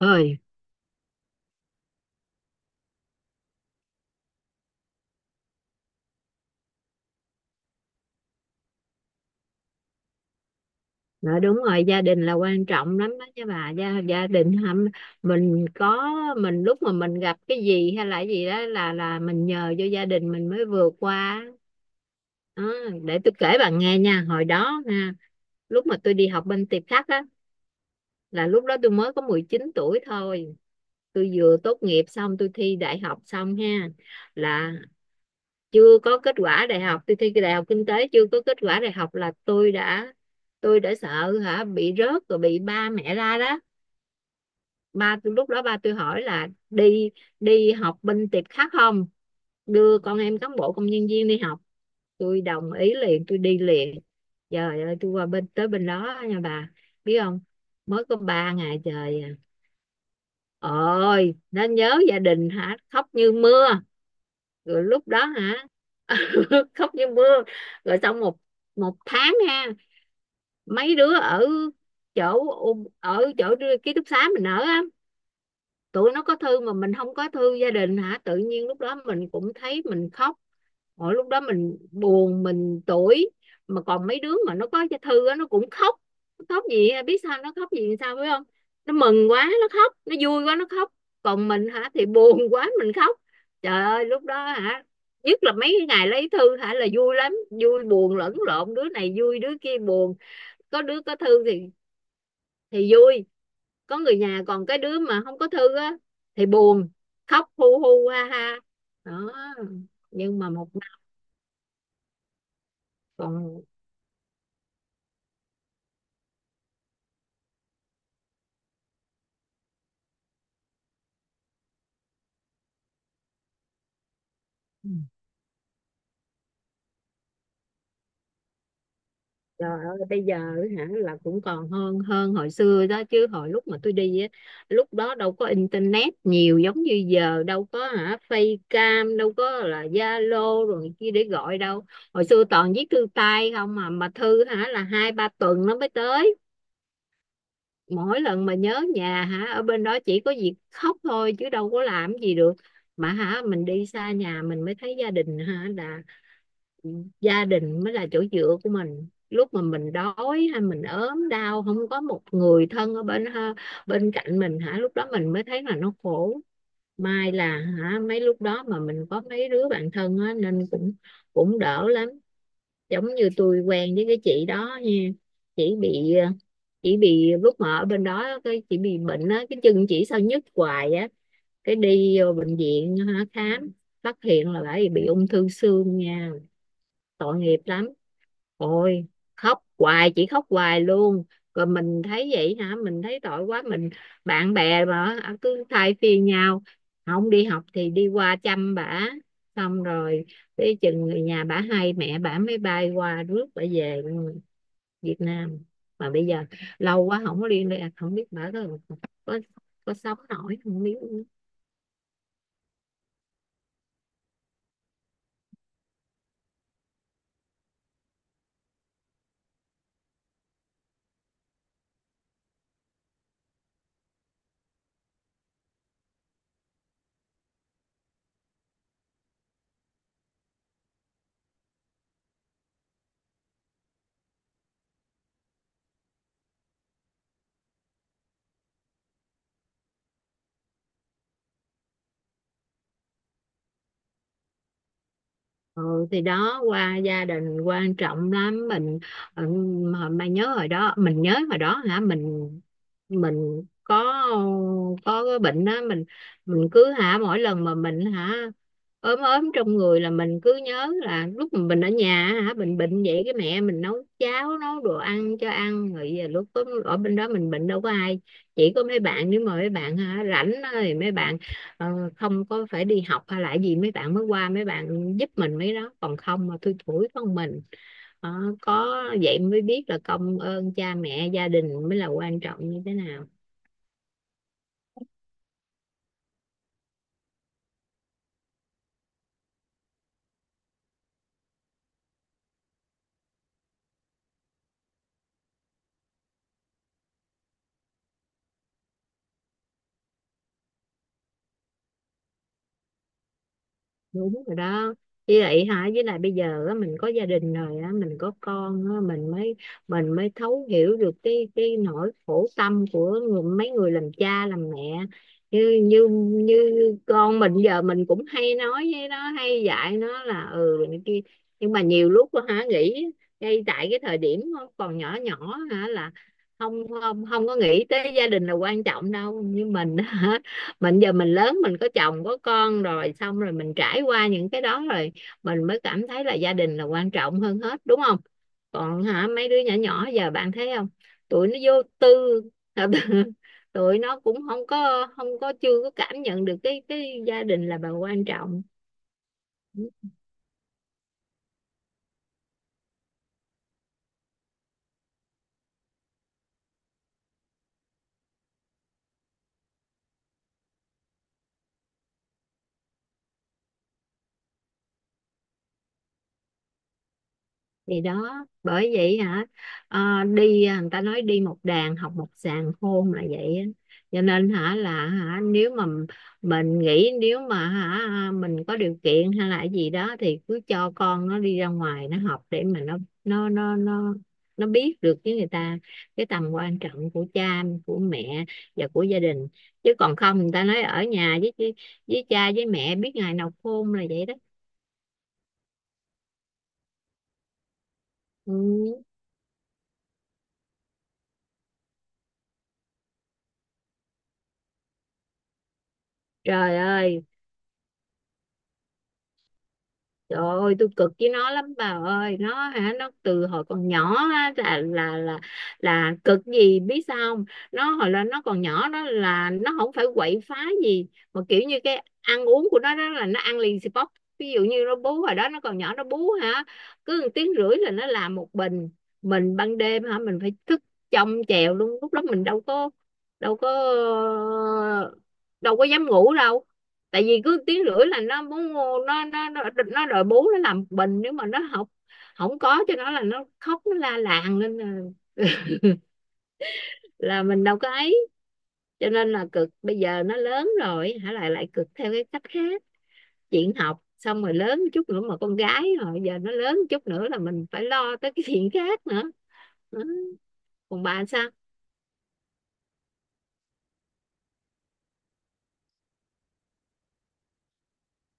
Ơi, nói đúng rồi, gia đình là quan trọng lắm đó chứ bà. Gia gia đình hâm mình có. Mình lúc mà mình gặp cái gì hay là cái gì đó là mình nhờ vô gia đình mình mới vượt qua. Đó, để tôi kể bà nghe nha. Hồi đó ha, lúc mà tôi đi học bên Tiệp Khắc á, là lúc đó tôi mới có 19 tuổi thôi. Tôi vừa tốt nghiệp xong, tôi thi đại học xong ha, là chưa có kết quả đại học. Tôi thi đại học kinh tế chưa có kết quả đại học là tôi đã, tôi đã sợ hả, bị rớt rồi bị ba mẹ la đó. Ba tôi lúc đó, ba tôi hỏi là đi đi học bên Tiệp Khắc không, đưa con em cán bộ công nhân viên đi học. Tôi đồng ý liền, tôi đi liền. Trời ơi, tôi qua bên, tới bên đó nha bà, biết không, mới có 3 ngày trời à. Ôi, nó nhớ gia đình hả, khóc như mưa. Rồi lúc đó hả, khóc như mưa. Rồi xong một một tháng ha, mấy đứa ở chỗ, ở chỗ ký túc xá mình ở, tụi nó có thư mà mình không có thư gia đình hả, tự nhiên lúc đó mình cũng thấy mình khóc. Mỗi lúc đó mình buồn, mình tủi. Mà còn mấy đứa mà nó có thư á, nó cũng khóc. Nó khóc gì biết sao, nó khóc gì sao, phải không? Nó mừng quá nó khóc, nó vui quá nó khóc. Còn mình hả thì buồn quá mình khóc. Trời ơi lúc đó hả, nhất là mấy cái ngày lấy thư hả là vui lắm, vui buồn lẫn lộn, đứa này vui đứa kia buồn. Có đứa có thư thì, vui, có người nhà. Còn cái đứa mà không có thư á thì buồn, khóc hu hu ha ha. Đó. Nhưng mà một năm còn. Trời ơi bây giờ hả là cũng còn hơn, hồi xưa đó chứ. Hồi lúc mà tôi đi á, lúc đó đâu có internet nhiều giống như giờ đâu, có hả Facecam đâu, có là Zalo rồi kia để gọi đâu. Hồi xưa toàn viết thư tay không. Mà thư hả là hai ba tuần nó mới tới. Mỗi lần mà nhớ nhà hả, ở bên đó chỉ có việc khóc thôi chứ đâu có làm gì được. Mà hả, mình đi xa nhà mình mới thấy gia đình hả là, gia đình mới là chỗ dựa của mình. Lúc mà mình đói hay mình ốm đau không có một người thân ở bên bên cạnh mình hả, lúc đó mình mới thấy là nó khổ. May là hả mấy lúc đó mà mình có mấy đứa bạn thân á, nên cũng, cũng đỡ lắm. Giống như tôi quen với cái chị đó nha. Chị bị, lúc mà ở bên đó cái chị bị bệnh á, cái chân chị sao nhức hoài á. Cái đi vô bệnh viện hả, khám, phát hiện là bà bị ung thư xương nha. Tội nghiệp lắm. Ôi, khóc hoài, chỉ khóc hoài luôn. Rồi mình thấy vậy hả, mình thấy tội quá, mình, bạn bè mà à, cứ thay phiên nhau, không đi học thì đi qua chăm bả. Xong rồi tới chừng người nhà bả hay mẹ bả mới bay qua rước bả về Việt Nam. Mà bây giờ lâu quá không có liên lạc, không biết bả có, có, có sống nổi không biết. Ừ, thì đó, qua gia đình quan trọng lắm mình. Ừ, hồi mà nhớ hồi đó, mình nhớ hồi đó hả mình, có, cái bệnh đó. Mình, cứ hả mỗi lần mà mình hả ốm, trong người là mình cứ nhớ là lúc mà mình ở nhà hả, mình bệnh vậy cái mẹ mình nấu cháo nấu đồ ăn cho ăn. Rồi giờ lúc ở bên đó mình bệnh đâu có ai, chỉ có mấy bạn. Nếu mà mấy bạn hả rảnh á thì mấy bạn, ờ, không có phải đi học hay là gì, mấy bạn mới qua mấy bạn giúp mình mấy đó. Còn không mà thui thủi con mình. Ờ, có vậy mới biết là công ơn cha mẹ gia đình mới là quan trọng như thế nào. Đúng rồi đó. Với lại hả, với lại bây giờ á, mình có gia đình rồi á, mình có con á, mình mới, thấu hiểu được cái, nỗi khổ tâm của người, mấy người làm cha làm mẹ. Như, như như con mình giờ mình cũng hay nói với nó, hay dạy nó là ừ này kia. Nhưng mà nhiều lúc á, hả nghĩ, ngay tại cái thời điểm nó còn nhỏ nhỏ hả là không không không có nghĩ tới gia đình là quan trọng đâu. Như mình á, mình giờ mình lớn mình có chồng có con rồi, xong rồi mình trải qua những cái đó rồi, mình mới cảm thấy là gia đình là quan trọng hơn hết, đúng không? Còn hả mấy đứa nhỏ nhỏ giờ bạn thấy không, tụi nó vô tư. Tụi nó cũng không có không có chưa có cảm nhận được cái, gia đình là bà quan trọng. Thì đó bởi vậy hả, ờ, đi à, người ta nói đi một đàn học một sàng khôn là vậy á. Cho nên hả là hả, nếu mà mình nghĩ nếu mà hả à, mình có điều kiện hay là cái gì đó thì cứ cho con nó đi ra ngoài nó học để mà nó, nó nó nó nó biết được với người ta cái tầm quan trọng của cha của mẹ và của gia đình. Chứ còn không, người ta nói ở nhà với, cha với mẹ biết ngày nào khôn là vậy đó. Ừ. Trời ơi, trời ơi, tôi cực với nó lắm bà ơi. Nó hả, nó từ hồi còn nhỏ á, là cực gì biết sao không? Nó hồi là nó còn nhỏ đó là nó không phải quậy phá gì, mà kiểu như cái ăn uống của nó đó là nó ăn liền xì bóp. Ví dụ như nó bú, hồi đó nó còn nhỏ nó bú hả, cứ một tiếng rưỡi là nó làm một bình. Mình ban đêm hả mình phải thức trông chèo luôn. Lúc đó mình đâu có, đâu có dám ngủ đâu. Tại vì cứ tiếng rưỡi là nó muốn, nó nó nó, nó đòi bú, nó làm bình. Nếu mà nó học không có cho nó là nó khóc, nó la làng lên là mình đâu có ấy. Cho nên là cực. Bây giờ nó lớn rồi hả, lại lại cực theo cái cách khác. Chuyện học, xong rồi lớn chút nữa mà con gái rồi, giờ nó lớn chút nữa là mình phải lo tới cái chuyện khác nữa. Còn bà sao?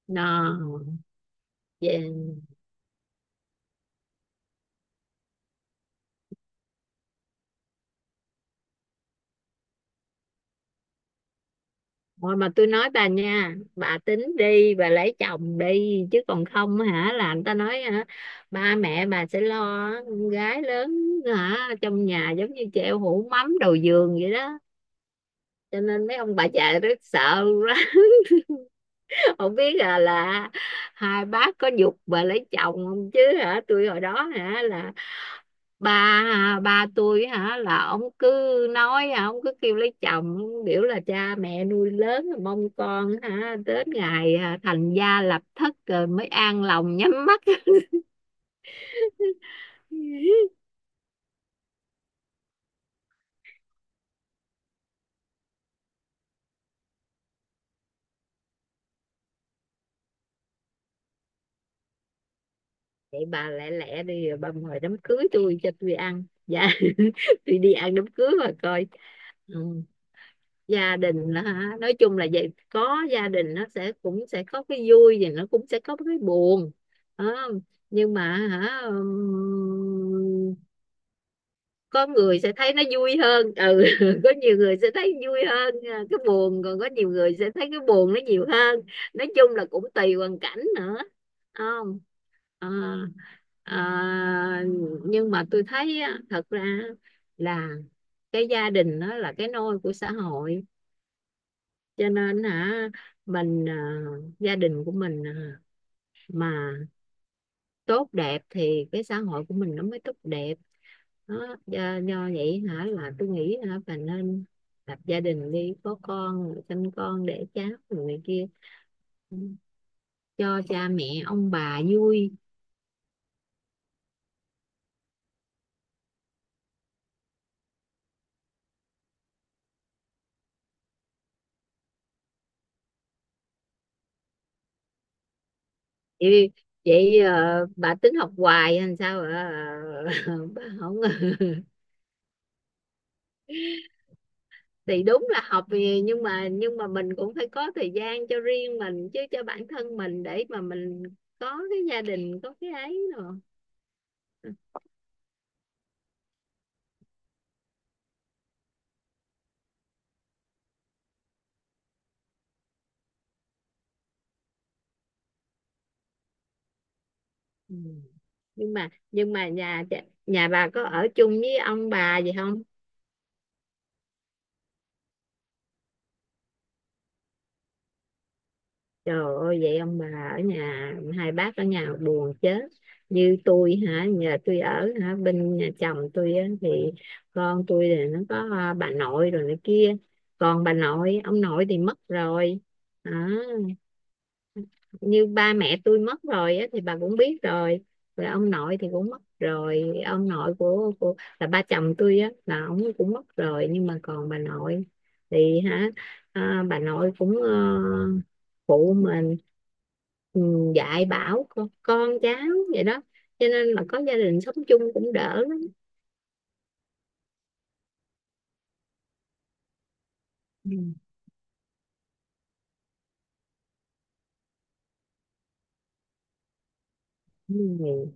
Nào. Về. Thôi mà tôi nói bà nha, bà tính đi, bà lấy chồng đi. Chứ còn không hả là người ta nói hả, ba mẹ bà sẽ lo con gái lớn hả trong nhà giống như treo hũ mắm đầu giường vậy đó. Cho nên mấy ông bà già rất sợ quá, không biết là hai bác có giục bà lấy chồng không. Chứ hả tôi hồi đó hả là ba, à, ba tôi hả là ông cứ nói hả, ông cứ kêu lấy chồng, biểu là cha mẹ nuôi lớn rồi mong con hả đến ngày à, thành gia lập thất rồi mới an lòng nhắm mắt. Vậy bà lẹ lẹ đi rồi bà mời đám cưới tôi cho tôi ăn dạ. Tôi đi ăn đám cưới mà coi. Ừ. Gia đình đó hả, nói chung là vậy, có gia đình nó sẽ cũng sẽ có cái vui và nó cũng sẽ có cái buồn. Đó. Nhưng mà hả, có người sẽ thấy nó vui hơn. Ừ, có nhiều người sẽ thấy vui hơn, à, cái buồn. Còn có nhiều người sẽ thấy cái buồn nó nhiều hơn. Nói chung là cũng tùy hoàn cảnh nữa. Không, à, à, nhưng mà tôi thấy á, thật ra là cái gia đình nó là cái nôi của xã hội. Cho nên hả, mình à, gia đình của mình à, mà tốt đẹp thì cái xã hội của mình nó mới tốt đẹp. Đó, do, do vậy hả là tôi nghĩ hả bà nên lập gia đình đi, có con rồi sinh con đẻ cháu rồi này kia cho cha mẹ ông bà vui. Vậy, vậy ờ, bà tính học hoài hay sao ạ? Ờ, bà không. Thì đúng là học thì- nhưng mà, mình cũng phải có thời gian cho riêng mình chứ, cho bản thân mình để mà mình có cái gia đình có cái ấy rồi. Ừ. Nhưng mà nhà nhà bà có ở chung với ông bà gì không? Trời ơi vậy ông bà ở nhà, hai bác ở nhà buồn chết. Như tôi hả, nhà tôi ở hả bên nhà chồng tôi á, thì con tôi thì nó có à, bà nội rồi này kia. Còn bà nội ông nội thì mất rồi. À, như ba mẹ tôi mất rồi á, thì bà cũng biết rồi. Rồi ông nội thì cũng mất rồi. Ông nội của là ba chồng tôi á, là ông cũng mất rồi. Nhưng mà còn bà nội thì hả, à, bà nội cũng ờ, phụ mình, ừ, dạy bảo con cháu vậy đó. Cho nên là có gia đình sống chung cũng đỡ lắm. Ừ. Ừ.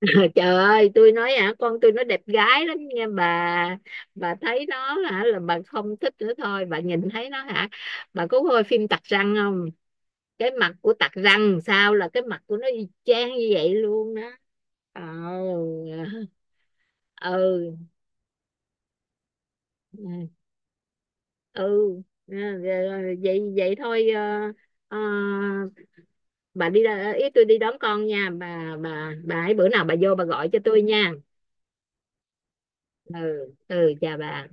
Trời ơi tôi nói hả, con tôi nó đẹp gái lắm nha bà. Bà thấy nó hả là bà không thích nữa thôi. Bà nhìn thấy nó hả, bà có coi phim Tặc Răng không? Cái mặt của Tặc Răng sao là cái mặt của nó y chang như vậy luôn đó. Ờ. Ừ. Ừ, ừ, rồi- rồi- vậy vậy thôi ờ, ờ, bà đi ra ý, tôi đi đón con nha bà. Bà ấy bữa nào bà vô bà gọi cho tôi nha. Ừ, ừ, chào bà.